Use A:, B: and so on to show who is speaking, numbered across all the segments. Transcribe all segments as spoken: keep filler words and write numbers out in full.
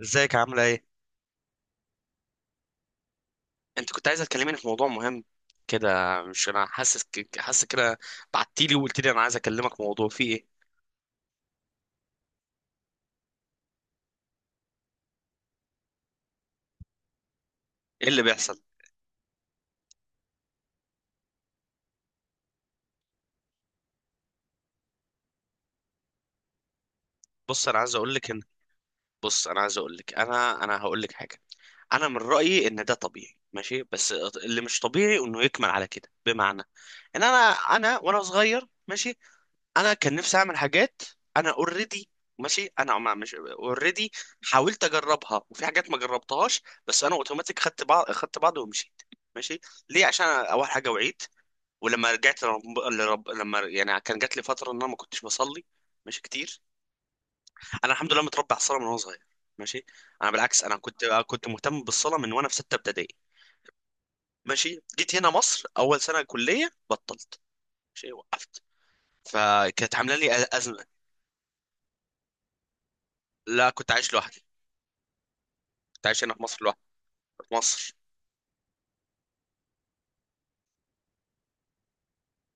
A: ازيك عاملة ايه؟ انت كنت عايزة تكلميني في موضوع مهم كده. مش انا حاسس ك- حاسس كده. بعتيلي وقلت لي انا عايز اكلمك في موضوع فيه ايه؟ ايه اللي بيحصل؟ بص انا عايز اقول لك ان. بص انا عايز اقول لك انا انا هقول لك حاجة. انا من رأيي ان ده طبيعي ماشي، بس اللي مش طبيعي انه يكمل على كده، بمعنى ان انا انا وانا صغير ماشي، انا كان نفسي اعمل حاجات. انا اوريدي ماشي، انا ما مش اوريدي، حاولت اجربها وفي حاجات ما جربتهاش. بس انا اوتوماتيك خدت بعض خدت بعض ومشيت. ماشي. ليه؟ عشان أنا اول حاجه وعيت. ولما رجعت لرب... لرب... لما يعني كان جات لي فتره ان انا ما كنتش بصلي. ماشي كتير. انا الحمد لله متربي على الصلاه من وانا صغير. ماشي. انا بالعكس انا كنت كنت مهتم بالصلاه من وانا في سته ابتدائي. ماشي، جيت هنا مصر اول سنه كليه بطلت. ماشي، وقفت. فكانت عامله لي ازمه. لا، كنت عايش لوحدي، كنت عايش هنا في مصر لوحدي. في مصر.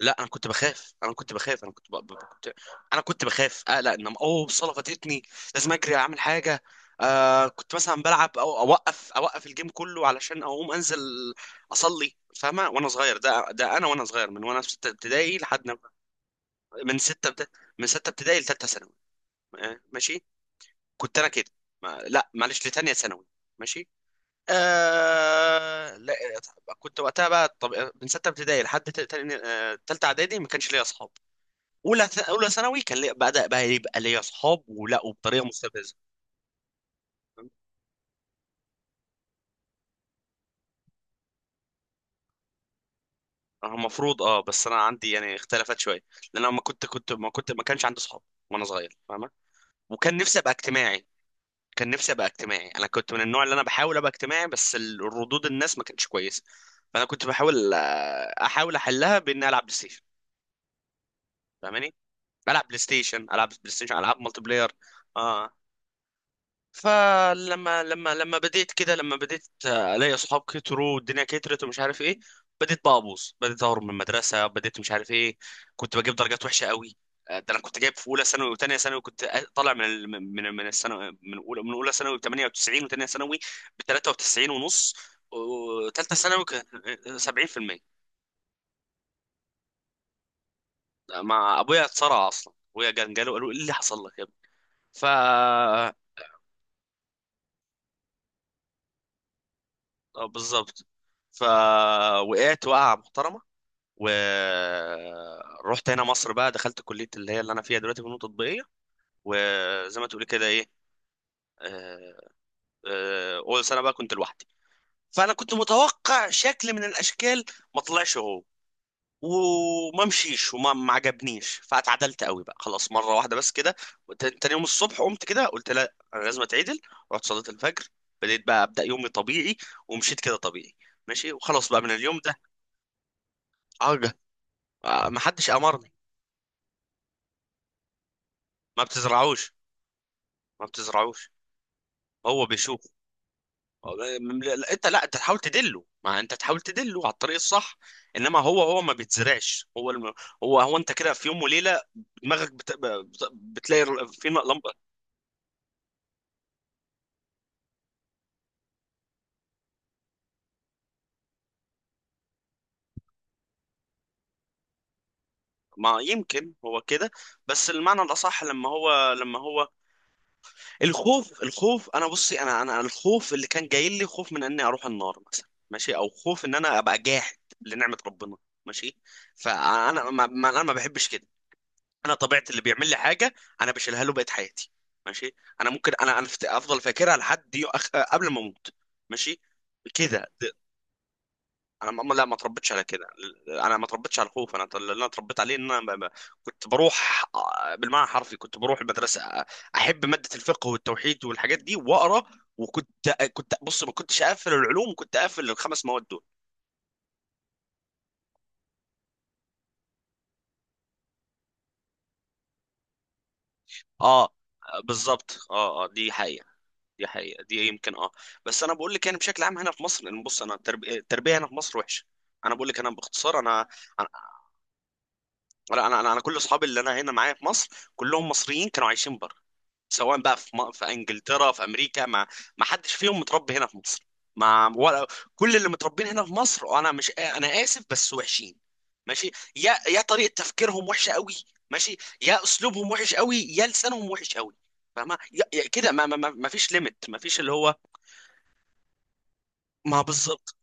A: لا، انا كنت بخاف انا كنت بخاف انا كنت ب... ب... كنت... انا كنت بخاف اقلق ان اوه الصاله فاتتني، لازم اجري اعمل حاجه. آه كنت مثلا بلعب او اوقف اوقف الجيم كله علشان اقوم انزل اصلي. فاهمه؟ وانا صغير، ده ده انا وانا صغير من وانا في سته ابتدائي لحد ما- من سته ابت- من سته ابتدائي لثالثه ثانوي. آه، ماشي. كنت انا كده ما... لا معلش، لتانيه ثانوي. ماشي. آه لا، كنت وقتها بقى طب. من سته ابتدائي لحد ت- تاني- آه، تالته اعدادي ما كانش ليا اصحاب. اولى ث- اولى ثانوي كان لي بدا بقى يبقى ليا اصحاب ولا وبطريقه مستفزه. آه، المفروض اه، بس انا عندي يعني اختلفت شويه. لان انا ما كنت كنت ما كنت ما كانش عندي اصحاب وانا صغير. فاهمه؟ وكان نفسي ابقى اجتماعي. كان نفسي ابقى اجتماعي، انا كنت من النوع اللي انا بحاول ابقى اجتماعي، بس ال- الردود الناس ما كانتش كويسه. فانا كنت بحاول، آه، احاول احلها باني العب بلاي ستيشن. فاهماني؟ بلعب بلاي ستيشن، العاب بلاي ستيشن، العاب مالتي بلاير. اه. فلما لما لما بديت كده، لما بديت آه، الاقي اصحاب كتروا والدنيا كترت ومش عارف ايه، بديت بقى ابوظ، بديت اهرب من المدرسه، بديت مش عارف ايه. كنت بجيب درجات وحشه قوي. آه، ده انا كنت جايب في اولى ثانوي وثانيه ثانوي، كنت آه، طالع من ال- من من الثانوي من اولى من اولى ثانوي ب ثمانية وتسعين، وثانيه ثانوي ب ثلاثة وتسعين ونص، وثالثه ثانوي كان سبعين في المية. مع ابويا اتصارع اصلا، ابويا كان جاله قالوا ايه اللي حصل لك يا ابني. ف اه بالظبط. فوقعت وقعة محترمة، ورحت هنا مصر بقى، دخلت كلية اللي هي اللي أنا فيها دلوقتي، فنون تطبيقية. وزي ما تقولي كده إيه. آه، آه، أول سنة بقى كنت لوحدي. فأنا كنت متوقع شكل من الأشكال ما طلعش هو، وما مشيش وما ما عجبنيش. فاتعدلت قوي بقى، خلاص، مرة واحدة بس كده. وت- تاني يوم الصبح قمت كده قلت لا أنا لازم أتعدل. رحت صليت الفجر، بديت بقى أبدأ يومي طبيعي، ومشيت كده طبيعي. ماشي، وخلاص بقى من اليوم ده. اه. آه، ما حدش امرني. ما بتزرعوش. ما بتزرعوش. هو بيشوف. هو- م- لا، انت لا انت تحاول تدله، ما انت تحاول تدله على الطريق الصح. انما هو هو ما بيتزرعش هو الم... هو هو انت كده في يوم وليله دماغك بت... بت- بتلاقي ر- في ن- لمبه. ما يمكن هو كده. بس المعنى الاصح لما هو لما هو الخوف. الخوف. انا بصي، انا انا الخوف اللي كان جاي لي خوف من اني اروح النار مثلا، ماشي، او خوف ان انا ابقى جاحد لنعمه ربنا. ماشي. فانا ما ما- انا ما بحبش كده. انا طبيعتي اللي بيعمل لي حاجه انا بشيلها له بقيه حياتي. ماشي. انا ممكن انا انا فت- افضل فاكرها لحد دي أخ... قبل ما اموت. ماشي. كده د- انا ما لا ما اتربيتش على كده. انا ما اتربيتش على الخوف. انا اللي انا اتربيت عليه ان انا ب... ب... كنت بروح، آه، بالمعنى الحرفي كنت بروح المدرسه، آه، احب ماده الفقه والتوحيد والحاجات دي واقرا. وكنت، آه، كنت بص، ما كنتش اقفل العلوم، كنت اقفل الخمس مواد دول. اه، آه، بالظبط. اه اه، دي حقيقه. دي حقيقة، دي يمكن اه. بس انا بقول لك يعني بشكل عام هنا في مصر، لان بص، انا التربية التربية هنا في مصر وحشة. انا بقول لك انا باختصار انا. انا لا، انا, أنا أنا كل اصحابي اللي انا هنا معايا في مصر كلهم مصريين كانوا عايشين بره، سواء بقى في م... في انجلترا في امريكا، ما ما حدش فيهم متربي هنا في مصر. ما ولا كل اللي متربين هنا في مصر انا، مش انا اسف، بس وحشين. ماشي. يا يا طريقة تفكيرهم وحشة قوي. ماشي. يا اسلوبهم وحش قوي، يا لسانهم وحش قوي. فاهمة؟ يا- يا كده ما ما ما ما فيش ليميت، ما فيش اللي هو. ما بالظبط.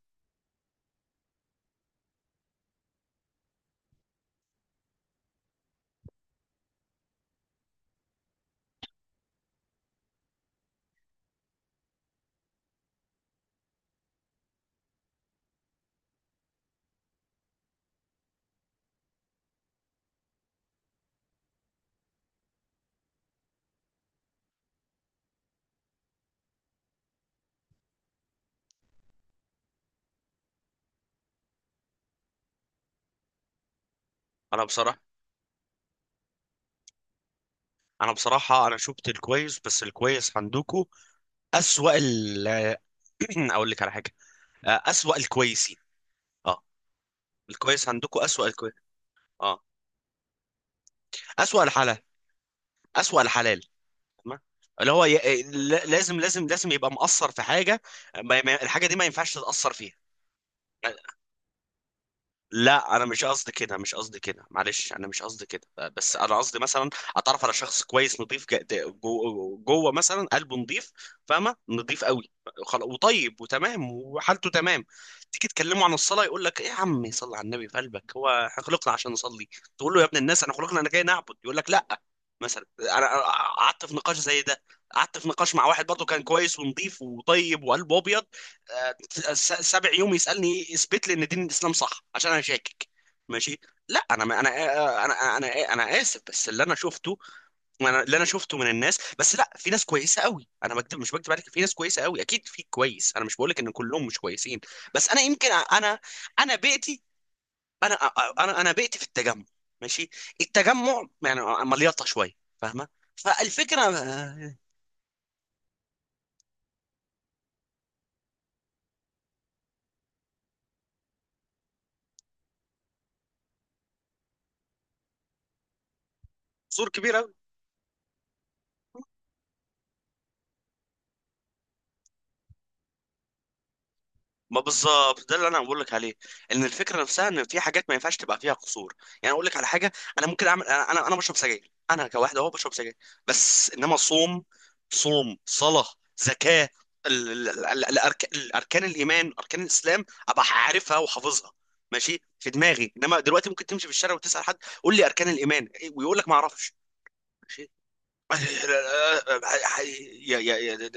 A: انا بصراحه انا بصراحه انا شفت الكويس، بس الكويس عندكم اسوأ ال اقول لك على حاجه. آه، اسوأ الكويسين. اه. الكويس عندكم اسوأ الكويس. اه. اسوأ الحلال. اسوأ الحلال. تمام. اللي هو ي... ل- لازم لازم لازم يبقى مقصر في حاجه. ما... ما... الحاجه دي ما ينفعش تتأثر فيها. لا، انا مش قصدي كده، مش قصدي كده، معلش انا مش قصدي كده. بس انا قصدي مثلا اتعرف على شخص كويس نظيف جا- جو- جوه مثلا قلبه نظيف. فاهمه؟ نظيف قوي. خلا- وطيب وتمام وحالته تمام. تيجي تكلمه عن الصلاه يقول لك ايه يا عم، صلي على النبي في قلبك، هو احنا خلقنا عشان نصلي؟ تقول له يا ابن الناس انا خلقنا انا جاي نعبد، يقول لك لا. مثلا انا أنا قعدت في نقاش زي ده. قعدت في نقاش مع واحد برضه كان كويس ونظيف وطيب وقلبه ابيض. آه، س- سابع يوم يسالني اثبت لي ان دين الاسلام صح عشان انا شاكك. ماشي. لا انا ما انا آه، آه، انا آه، انا آه، انا اسف، بس اللي انا شفته. انا اللي انا شفته من الناس، بس لا، في ناس كويسه قوي، انا بكتب مش بكتب عليك، في ناس كويسه قوي، اكيد في كويس، انا مش بقول لك ان كلهم مش كويسين. بس انا يمكن انا. انا بيئتي. انا. انا انا بيئتي في التجمع. ماشي. التجمع يعني مليطه شويه. فاهمه؟ فالفكره آه، سور كبير. ما بالظبط، ده اللي انا بقول لك عليه، ان الفكره نفسها ان في حاجات ما ينفعش تبقى فيها قصور. يعني اقول لك على حاجه. انا ممكن اعمل انا انا أنا بشرب سجاير، انا كواحد اهو بشرب سجاير. بس انما صوم. صوم، صلاه، زكاه، ال- ال- ال- الأرك- الاركان الايمان، اركان الاسلام، ابقى عارفها وحافظها. ماشي، في دماغي. انما دلوقتي ممكن تمشي في الشارع وتسال حد، قول لي اركان الايمان إيه؟ ويقول لك ما اعرفش. يا يا يا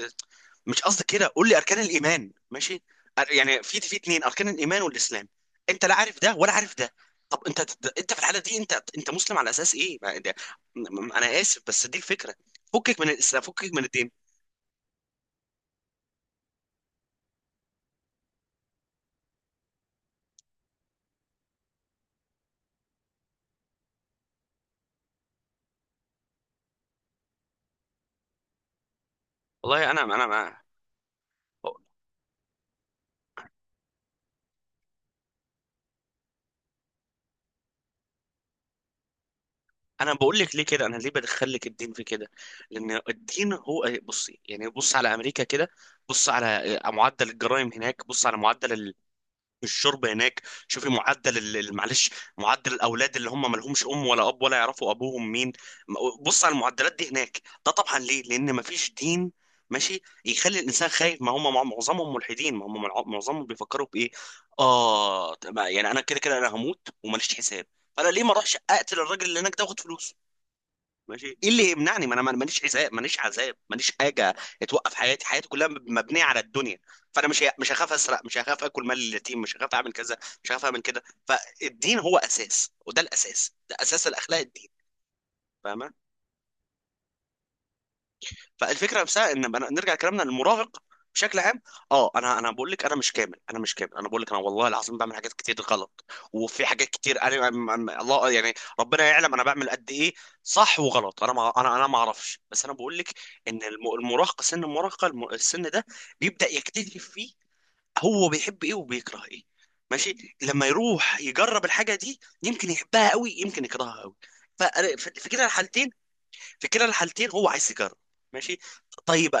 A: مش قصدي كده. قول لي اركان الايمان ماشي. أر- يعني في في اتنين، اركان الايمان والاسلام. انت لا عارف ده ولا عارف ده. طب انت، انت في الحاله دي انت انت مسلم على اساس ايه؟ ما- ده- م- انا اسف، بس دي الفكره. فكك من الاسلام، فكك من الدين. والله انا انا انا انا بقول لك ليه كده، انا ليه بدخل لك الدين في كده. لان الدين هو، بصي يعني، بص على امريكا كده. بص على معدل الجرائم هناك، بص على معدل الشرب هناك، شوفي معدل ال- ال- معلش، معدل الاولاد اللي هم مالهمش ام ولا اب ولا يعرفوا ابوهم مين. م- بص على المعدلات دي هناك. ده طبعا ليه؟ لان مفيش دين ماشي يخلي الانسان خايف. ما هم مع- معظمهم ملحدين، ما هم مع- معظمهم بيفكروا بايه؟ اه تمام، يعني انا كده كده انا هموت وماليش حساب. فانا ليه ما اروحش اقتل الراجل اللي هناك ده واخد فلوسه؟ ماشي. ايه اللي يمنعني؟ ما انا ماليش عذاب، ماليش عذاب، ماليش حاجه توقف حياتي، حياتي كلها مبنيه على الدنيا. فانا مش مش هخاف اسرق، مش هخاف اكل مال اليتيم، مش هخاف اعمل كذا، مش هخاف اعمل كده. فالدين هو اساس، وده الاساس، ده اساس الاخلاق الدين. فاهم؟ فالفكره نفسها ان بن- نرجع كلامنا للمراهق بشكل عام. اه انا انا بقول لك انا مش كامل، انا مش كامل، انا بقول لك انا والله العظيم بعمل حاجات كتير غلط، وفي حاجات كتير انا أم- أم- الله يعني ربنا يعلم انا بعمل قد ايه صح وغلط، انا ما انا انا ما اعرفش. بس انا بقول لك ان الم- المراهقه، سن المراهقه، الم- السن ده بيبدا يكتشف فيه هو بيحب ايه وبيكره ايه. ماشي، لما يروح يجرب الحاجه دي يمكن يحبها قوي يمكن يكرهها قوي. فأنا- ف- في كده الحالتين، في كلا الحالتين هو عايز يجرب. ماشي. طيب.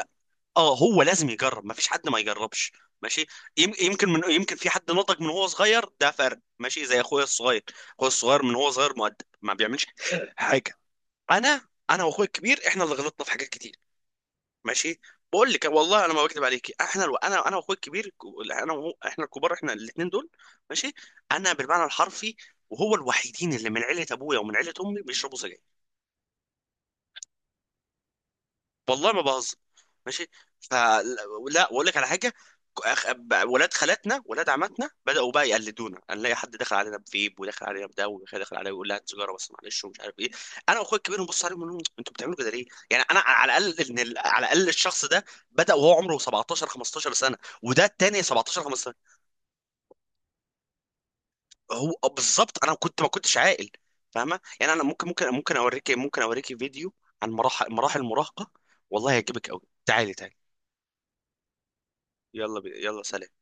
A: اه، هو لازم يجرب، مفيش حد ما يجربش. ماشي. يم- يمكن من يمكن في حد نضج من هو صغير، ده فرق ماشي، زي اخويا الصغير. اخويا الصغير من هو صغير مؤدب ما بيعملش حاجه. انا، انا واخويا الكبير احنا اللي غلطنا في حاجات كتير. ماشي. بقول لك والله انا ما بكذب عليكي، احنا الو... انا انا واخويا الكبير، انا وهو احنا الكبار، احنا الاثنين دول. ماشي، انا بالمعنى الحرفي، وهو الوحيدين اللي من عيله ابويا ومن عيله امي بيشربوا سجاير. والله ما بهزر. ماشي. فلا. واقول لك على حاجه، أخ- ب- ولاد خالاتنا ولاد عماتنا بداوا بقى يقلدونا، نلاقي حد داخل علينا بفيب، وداخل علينا بده، وداخل داخل علينا يقول لها هات سيجاره بس معلش، ومش عارف ايه. انا واخويا الكبير نبص عليهم ونقول لهم، انتوا بتعملوا كده ليه؟ يعني انا على الاقل ان ال- على الاقل الشخص ده بدا وهو عمره سبعتاشر خمستاشر سنه، وده التاني سبعتاشر خمستاشر. هو بالظبط، انا كنت ما كنتش عاقل. فاهمه؟ يعني انا ممكن ممكن ممكن اوريكي ممكن اوريكي فيديو عن مراحل مراحل المراهقه، والله هيعجبك قوي. تعالي تعالي. يلا بي... يلا سلام.